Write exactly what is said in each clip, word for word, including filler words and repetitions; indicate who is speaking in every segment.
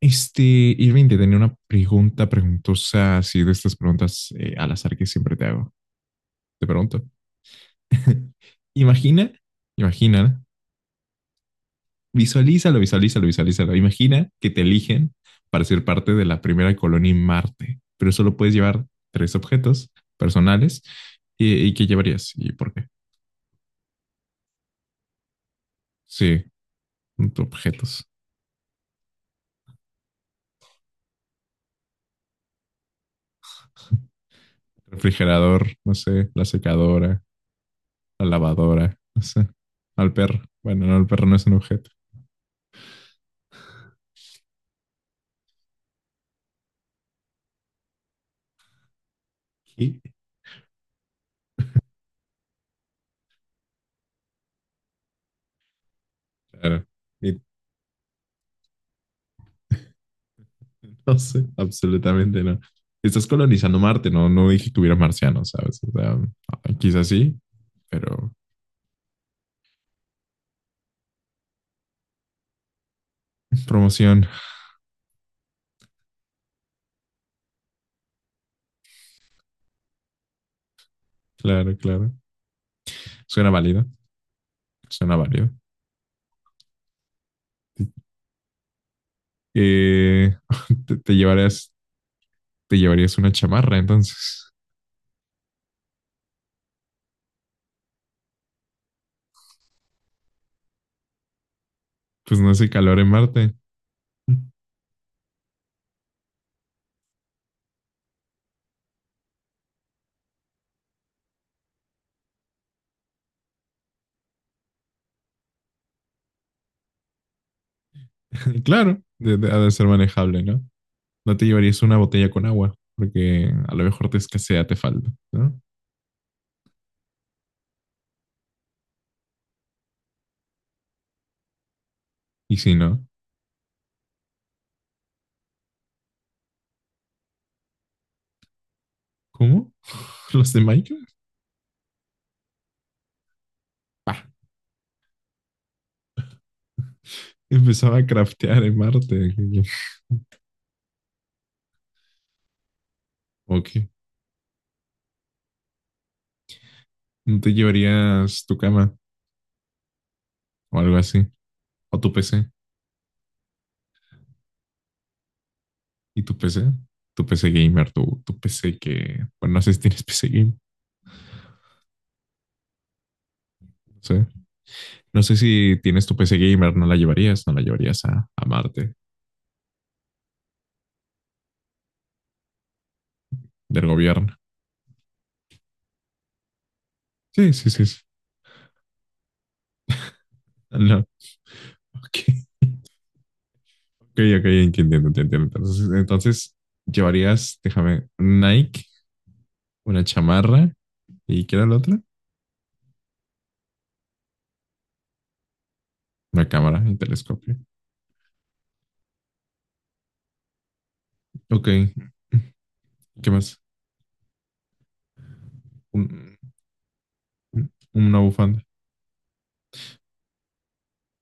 Speaker 1: Este, Irving, te tenía una pregunta preguntosa, así de estas preguntas eh, al azar que siempre te hago. Te pregunto. Imagina, imagina, visualízalo, visualízalo, visualízalo. Imagina que te eligen para ser parte de la primera colonia en Marte, pero solo puedes llevar tres objetos personales. ¿Y, y qué llevarías? ¿Y por qué? Sí, objetos. Refrigerador, no sé, la secadora, la lavadora, no sé. Al perro. Bueno, no, el perro no es un objeto. Y claro. Y no sé, absolutamente no. Si estás colonizando Marte, no, no dije que hubiera marcianos, ¿sabes? O sea, mm, quizás sí, pero promoción. Claro, claro. Suena válido, suena válido. Eh, te, te llevarías, te llevarías una chamarra, entonces. Pues no hace calor en Marte. Claro, de- de- ha de ser manejable, ¿no? No te llevarías una botella con agua, porque a lo mejor te escasea, te falta, ¿no? Y si no, ¿cómo? ¿Los de Minecraft? Ah, empezaba a craftear en Marte. Ok. ¿No te llevarías tu cama o algo así? ¿O tu P C? ¿Y tu PC? Tu PC gamer, tu, tu P C que... Bueno, no sé si tienes P C gamer. No sé. No sé si tienes tu P C gamer, no la llevarías, no la llevarías a, a Marte del gobierno. Sí, sí, sí, sí. Ah, no, ok, ok, ok, entiendo, entiendo. Entonces, entonces, llevarías, déjame, Nike, una chamarra y ¿qué era la otra? Una cámara y telescopio. Ok, ¿qué más? Un- Una bufanda.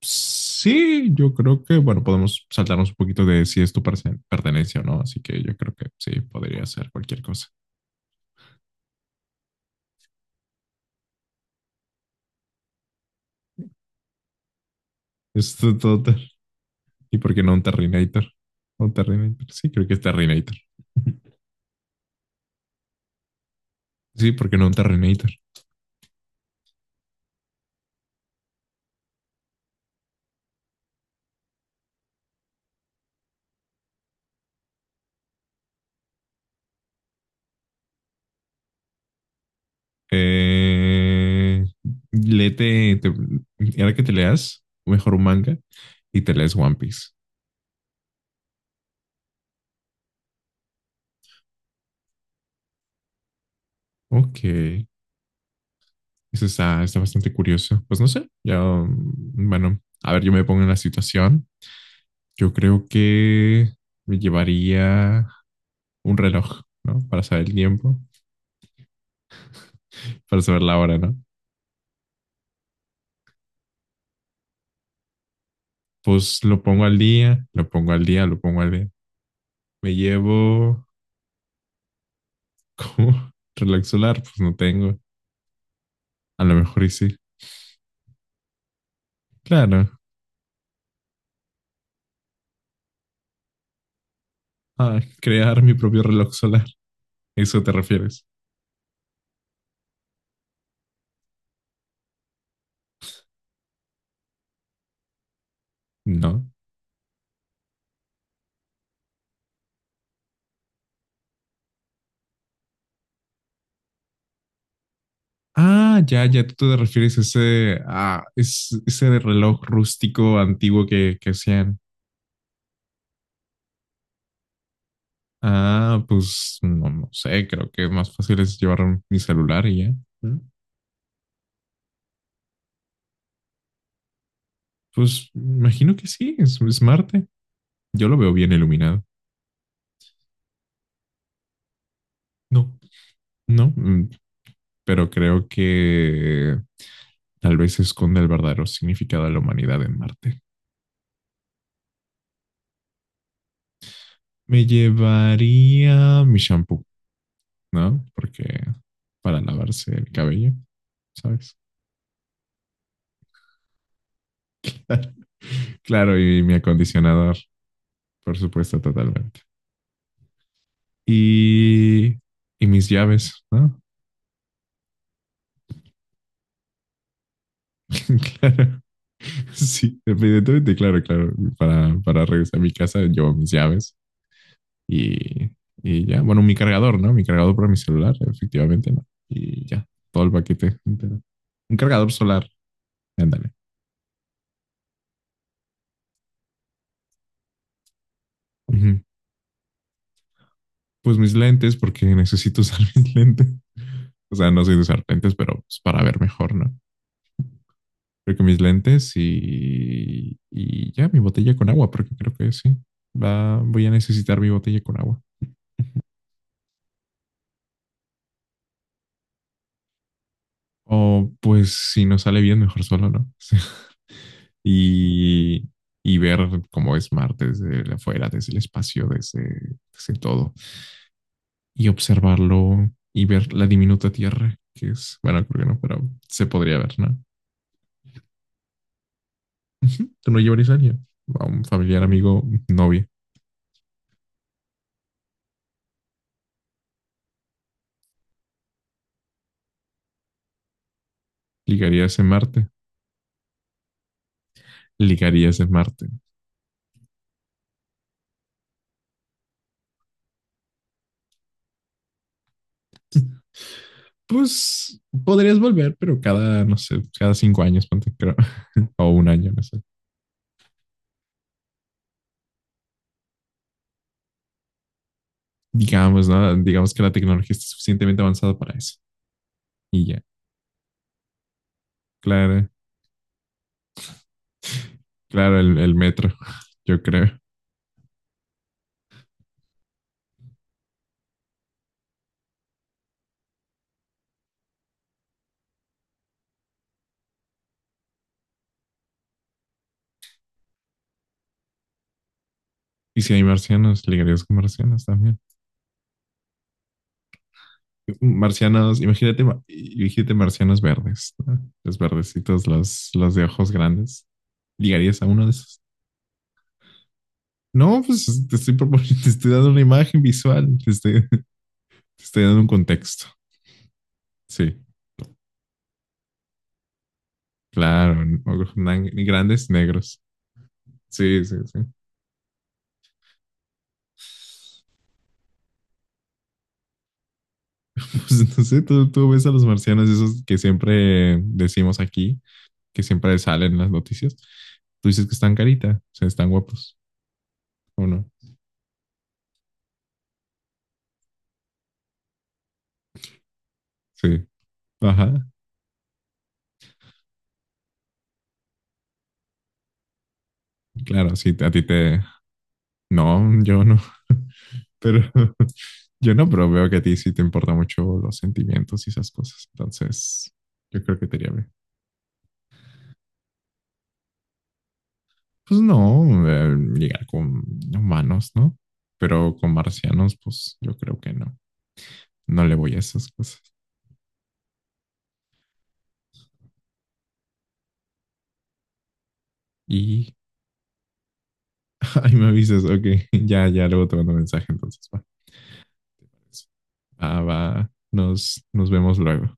Speaker 1: Sí, yo creo que, bueno, podemos saltarnos un poquito de si esto pertene- pertenencia o no, así que yo creo que sí, podría ser cualquier cosa. Esto todo. ter- ¿Y por qué no un Terrinator? Un Terrinator. Sí, creo que es Terrinator. Sí, ¿por qué no un Terrinator? Eh, léete, te- Ahora que te leas, mejor un manga y te lees One Piece. Ok, eso está, está bastante curioso. Pues no sé, ya, mm, bueno, a ver, yo me pongo en la situación. Yo creo que me llevaría un reloj, ¿no? Para saber el tiempo, para saber la hora, ¿no? Pues lo pongo al día, lo pongo al día, lo pongo al día. Me llevo como reloj solar, pues no tengo. A lo mejor y sí. Claro. Ah, crear mi propio reloj solar. ¿Eso te refieres? No. Ah, ya, ya, tú te refieres a ese, a ese, ese reloj rústico antiguo que, que hacían. Ah, pues no, no sé, creo que más fácil es llevar mi celular y ya. ¿Mm? Pues imagino que sí, es, es Marte. Yo lo veo bien iluminado. No, no, mm, pero creo que tal vez esconde el verdadero significado de la humanidad en Marte. Me llevaría mi shampoo, ¿no? Porque para lavarse el cabello, ¿sabes? Claro, y mi acondicionador, por supuesto, totalmente. Y, y mis llaves, ¿no? Claro, sí, evidentemente, claro, claro. Para, para regresar a mi casa llevo mis llaves y, y ya. Bueno, mi cargador, ¿no? Mi cargador para mi celular, efectivamente, ¿no? Y ya, todo el paquete entero. Un cargador solar, ándale. Ujú. Pues mis lentes, porque necesito usar mis lentes. O sea, no soy de usar lentes, pero pues, para ver mejor, ¿no? Creo que mis lentes y, y ya mi botella con agua, porque creo que sí. Va, voy a necesitar mi botella con agua. O pues si nos sale bien, mejor solo, ¿no? Y, y ver cómo es Marte desde afuera, desde el espacio, desde, desde todo. Y observarlo y ver la diminuta Tierra, que es, bueno, creo que no, pero se podría ver, ¿no? ¿Tú no llevarías a alguien? A un familiar, amigo, novia. ¿Ligarías en Marte? ¿Ligarías en Marte? Pues podrías volver, pero cada, no sé, cada cinco años, ponte, creo, o un año, no sé. Digamos, ¿no? Digamos que la tecnología está suficientemente avanzada para eso. Y ya, claro, claro, el, el metro, yo creo. Y si hay marcianos, ligarías con marcianos también. Marcianos, imagínate, ma- imagínate marcianos verdes, ¿no? Los verdecitos, los, los de ojos grandes. ¿Ligarías a uno de esos? No, pues te estoy proponiendo, te estoy dando una imagen visual, te estoy, te estoy dando un contexto. Sí, claro, ojos nan- grandes negros. Sí, sí, sí. Pues no sé, tú, tú ves a los marcianos, esos que siempre decimos aquí, que siempre salen en las noticias, tú dices que están carita, o sea, están guapos, ¿o no? Sí, ajá, claro, sí, a ti te... No, yo no, pero yo no, pero veo que a ti sí te importan mucho los sentimientos y esas cosas, entonces yo creo que te iría bien. Pues no, eh, llegar con humanos, ¿no? Pero con marcianos, pues yo creo que no, no le voy a esas cosas. Y... Ay, me avisas, ok, ya, ya, luego te mando mensaje, entonces, va. Eso. Ah, va. Nos, nos vemos luego.